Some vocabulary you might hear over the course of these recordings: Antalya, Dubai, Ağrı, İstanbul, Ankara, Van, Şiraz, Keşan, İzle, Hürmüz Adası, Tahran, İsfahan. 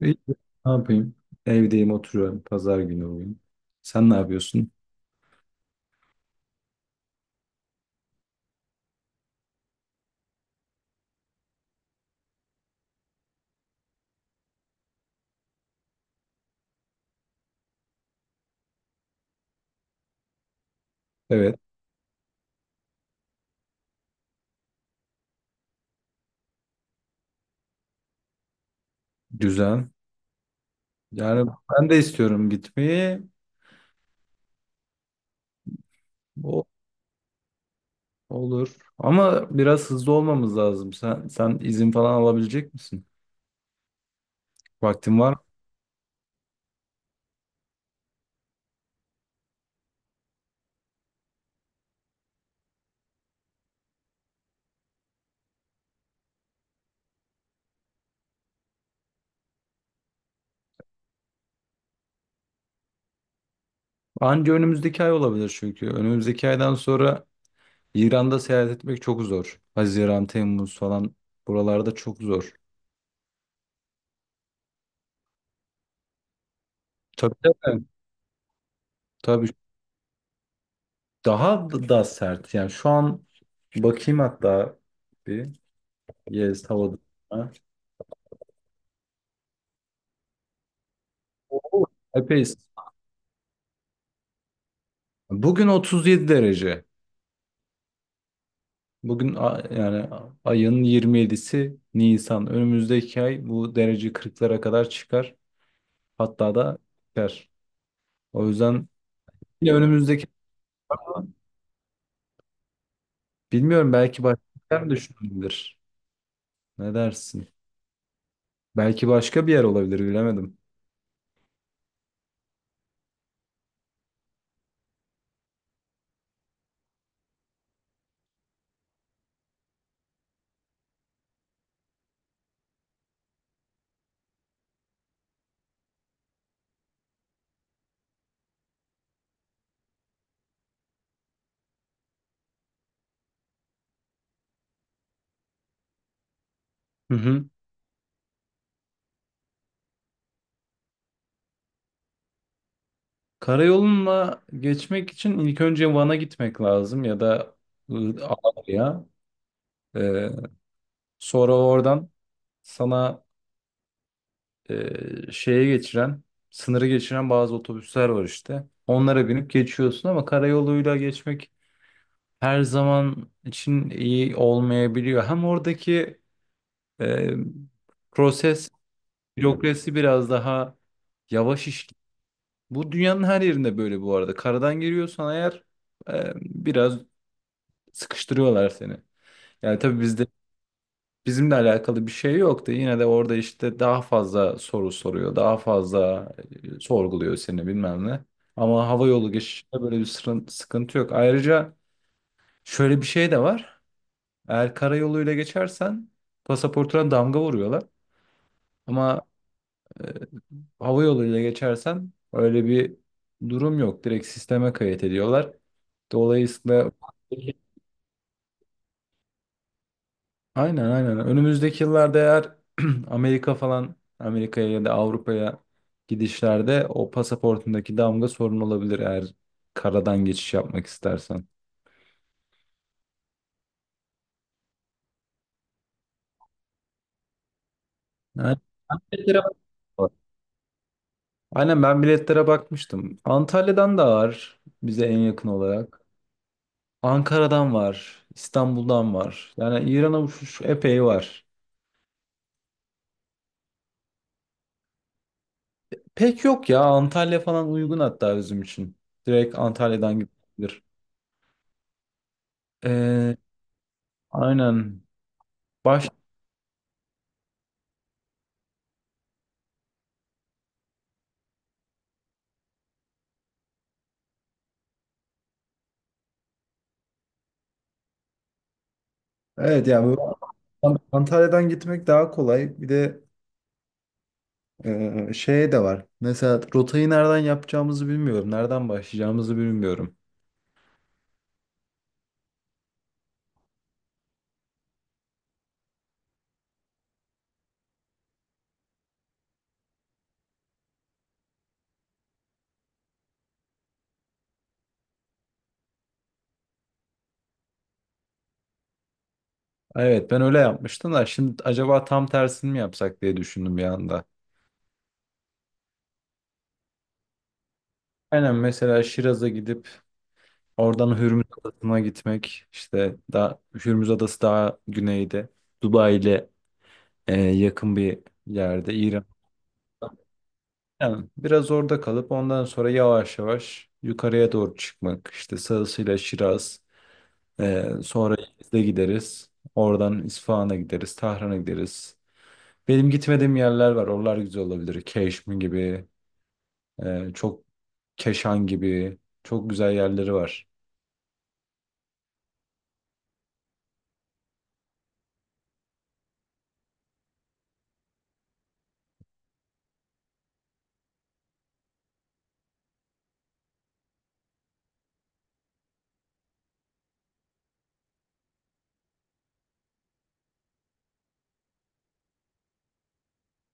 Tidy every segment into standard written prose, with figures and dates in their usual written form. İyi, ne yapayım? Evdeyim, oturuyorum. Pazar günü bugün. Sen ne yapıyorsun? Evet, güzel. Yani ben de istiyorum gitmeyi. O olur. Ama biraz hızlı olmamız lazım. Sen izin falan alabilecek misin? Vaktin var mı? Anca önümüzdeki ay olabilir çünkü. Önümüzdeki aydan sonra İran'da seyahat etmek çok zor. Haziran, Temmuz falan buralarda çok zor. Tabii, tabii. Tabii daha da sert. Yani şu an bakayım hatta bir. Yes, havada. Ha? Oo, epey. Bugün 37 derece. Bugün yani ayın 27'si Nisan. Önümüzdeki ay bu derece 40'lara kadar çıkar. Hatta da çıkar. O yüzden yine önümüzdeki, bilmiyorum, belki başka bir yer mi düşünülebilir? Ne dersin? Belki başka bir yer olabilir, bilemedim. Hı hı. Karayolunla geçmek için ilk önce Van'a gitmek lazım ya da Ağrı'ya. Ee, Sonra oradan sana, şeye geçiren, sınırı geçiren bazı otobüsler var işte. Onlara binip geçiyorsun ama karayoluyla geçmek her zaman için iyi olmayabiliyor. Hem oradaki e, proses, bürokrasi biraz daha yavaş işliyor. Bu dünyanın her yerinde böyle bu arada. Karadan giriyorsan eğer, biraz sıkıştırıyorlar seni. Yani tabii bizimle alakalı bir şey yoktu. Yine de orada işte daha fazla soru soruyor, daha fazla sorguluyor seni bilmem ne. Ama hava yolu geçişinde böyle bir sıkıntı yok. Ayrıca şöyle bir şey de var. Eğer karayoluyla geçersen pasaportuna damga vuruyorlar. Ama e, hava yoluyla geçersen öyle bir durum yok. Direkt sisteme kayıt ediyorlar. Dolayısıyla. Aynen, aynen. Önümüzdeki yıllarda eğer Amerika falan, Amerika'ya ya da Avrupa'ya gidişlerde o pasaportundaki damga sorun olabilir, eğer karadan geçiş yapmak istersen. Aynen. Biletlere bak. Aynen, ben biletlere bakmıştım. Antalya'dan da var, bize en yakın olarak. Ankara'dan var, İstanbul'dan var. Yani İran'a uçuş epey var. Pek yok ya, Antalya falan uygun hatta bizim için. Direkt Antalya'dan gidilir. Ee, aynen. Baş Evet ya, bu Antalya'dan gitmek daha kolay. Bir de şey de var. Mesela rotayı nereden yapacağımızı bilmiyorum. Nereden başlayacağımızı bilmiyorum. Evet, ben öyle yapmıştım da şimdi acaba tam tersini mi yapsak diye düşündüm bir anda. Aynen, mesela Şiraz'a gidip oradan Hürmüz Adası'na gitmek. İşte daha, Hürmüz Adası daha güneyde. Dubai ile yakın bir yerde. İran. Yani biraz orada kalıp ondan sonra yavaş yavaş yukarıya doğru çıkmak. İşte sağısıyla Şiraz, sonra İzle gideriz. Oradan İsfahan'a gideriz, Tahran'a gideriz. Benim gitmediğim yerler var. Oralar güzel olabilir. Keşmi gibi, çok Keşan gibi çok güzel yerleri var.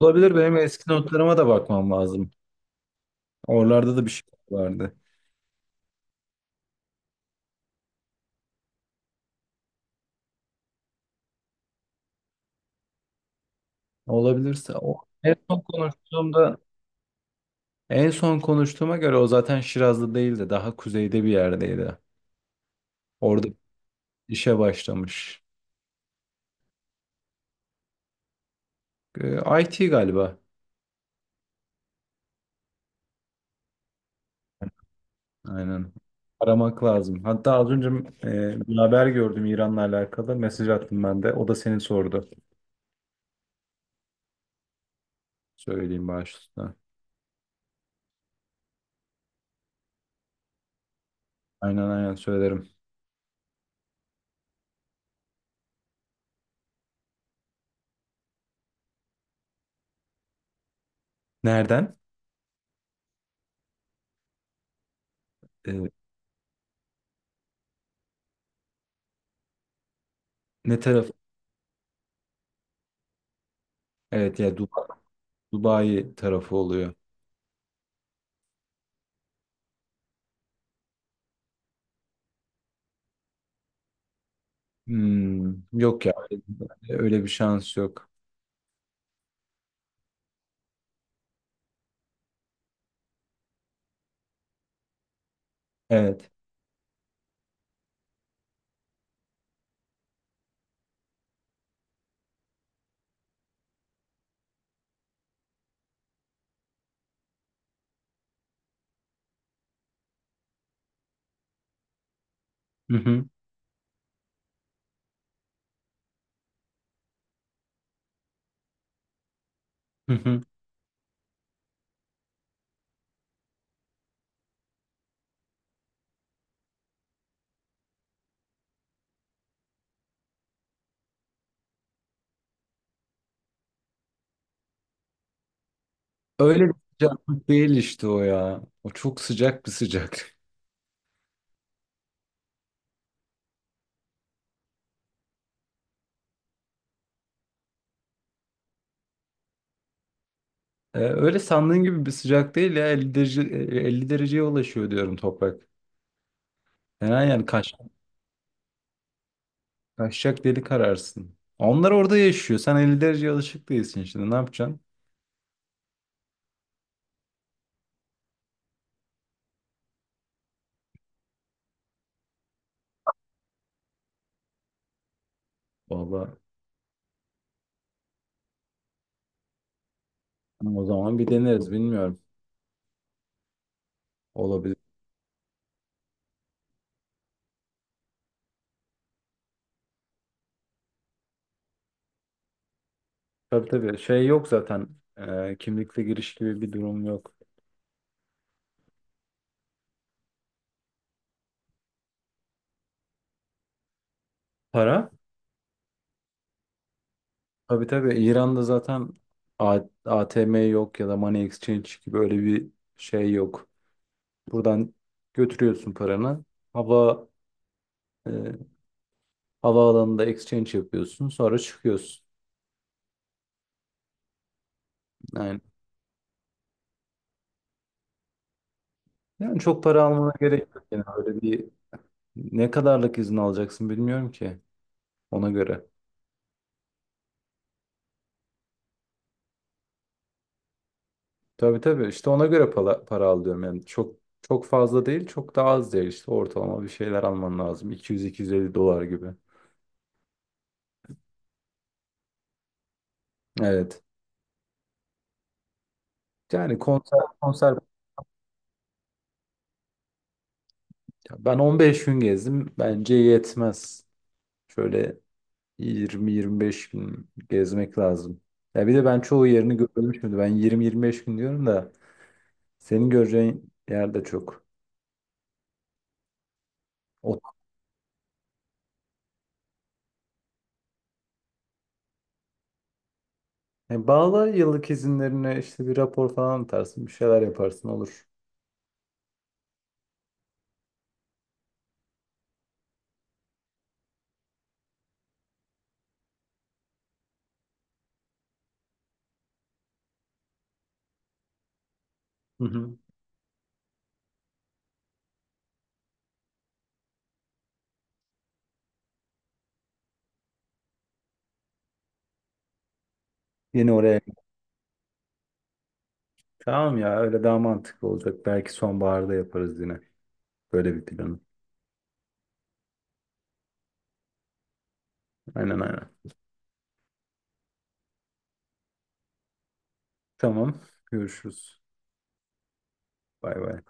Olabilir, benim eski notlarıma da bakmam lazım. Oralarda da bir şey vardı. Olabilirse, o en son konuştuğuma göre o zaten Şiraz'da değildi. Daha kuzeyde bir yerdeydi. Orada işe başlamış. IT galiba. Aynen. Aramak lazım. Hatta az önce bir haber gördüm İran'la alakalı. Mesaj attım ben de. O da seni sordu. Söyleyeyim başta. Aynen, aynen söylerim. Nereden? Ee, Ne taraf? Evet ya, Dubai, Dubai tarafı oluyor. Hmm, yok ya. Öyle bir şans yok. Evet. Hı hı. Hı hı. Öyle bir sıcaklık değil işte o ya. O çok sıcak bir sıcak. Öyle sandığın gibi bir sıcak değil ya, 50 derece, 50 dereceye ulaşıyor diyorum, toprak. Fena, yani kaçacak deli kararsın. Onlar orada yaşıyor. Sen 50 dereceye alışık değilsin şimdi. Ne yapacaksın? Vallahi o zaman bir deneriz, bilmiyorum. Olabilir. Tabii, tabii şey yok zaten. Kimlikle giriş gibi bir durum yok. Para? Tabii, tabii İran'da zaten ATM yok ya da money exchange gibi öyle bir şey yok. Buradan götürüyorsun paranı. Hava Havaalanında exchange yapıyorsun, sonra çıkıyorsun. Yani, yani, çok para almana gerek yok. Yani öyle bir, ne kadarlık izin alacaksın bilmiyorum ki, ona göre. Tabii, tabii işte ona göre para, para al diyorum. Yani çok çok fazla değil, çok da az değil. İşte ortalama bir şeyler alman lazım. 200-250 dolar gibi. Evet. Yani konser konser ben 15 gün gezdim. Bence yetmez. Şöyle 20-25 gün gezmek lazım. Ya bir de ben çoğu yerini görmedim şimdi. Ben 20-25 gün diyorum da senin göreceğin yer de çok. O, yani bağla yıllık izinlerine, işte bir rapor falan atarsın. Bir şeyler yaparsın, olur. Hı hı. Yeni oraya. Tamam ya, öyle daha mantıklı olacak. Belki sonbaharda yaparız yine. Böyle bir planı. Aynen, aynen. Tamam. Görüşürüz. Bay bay.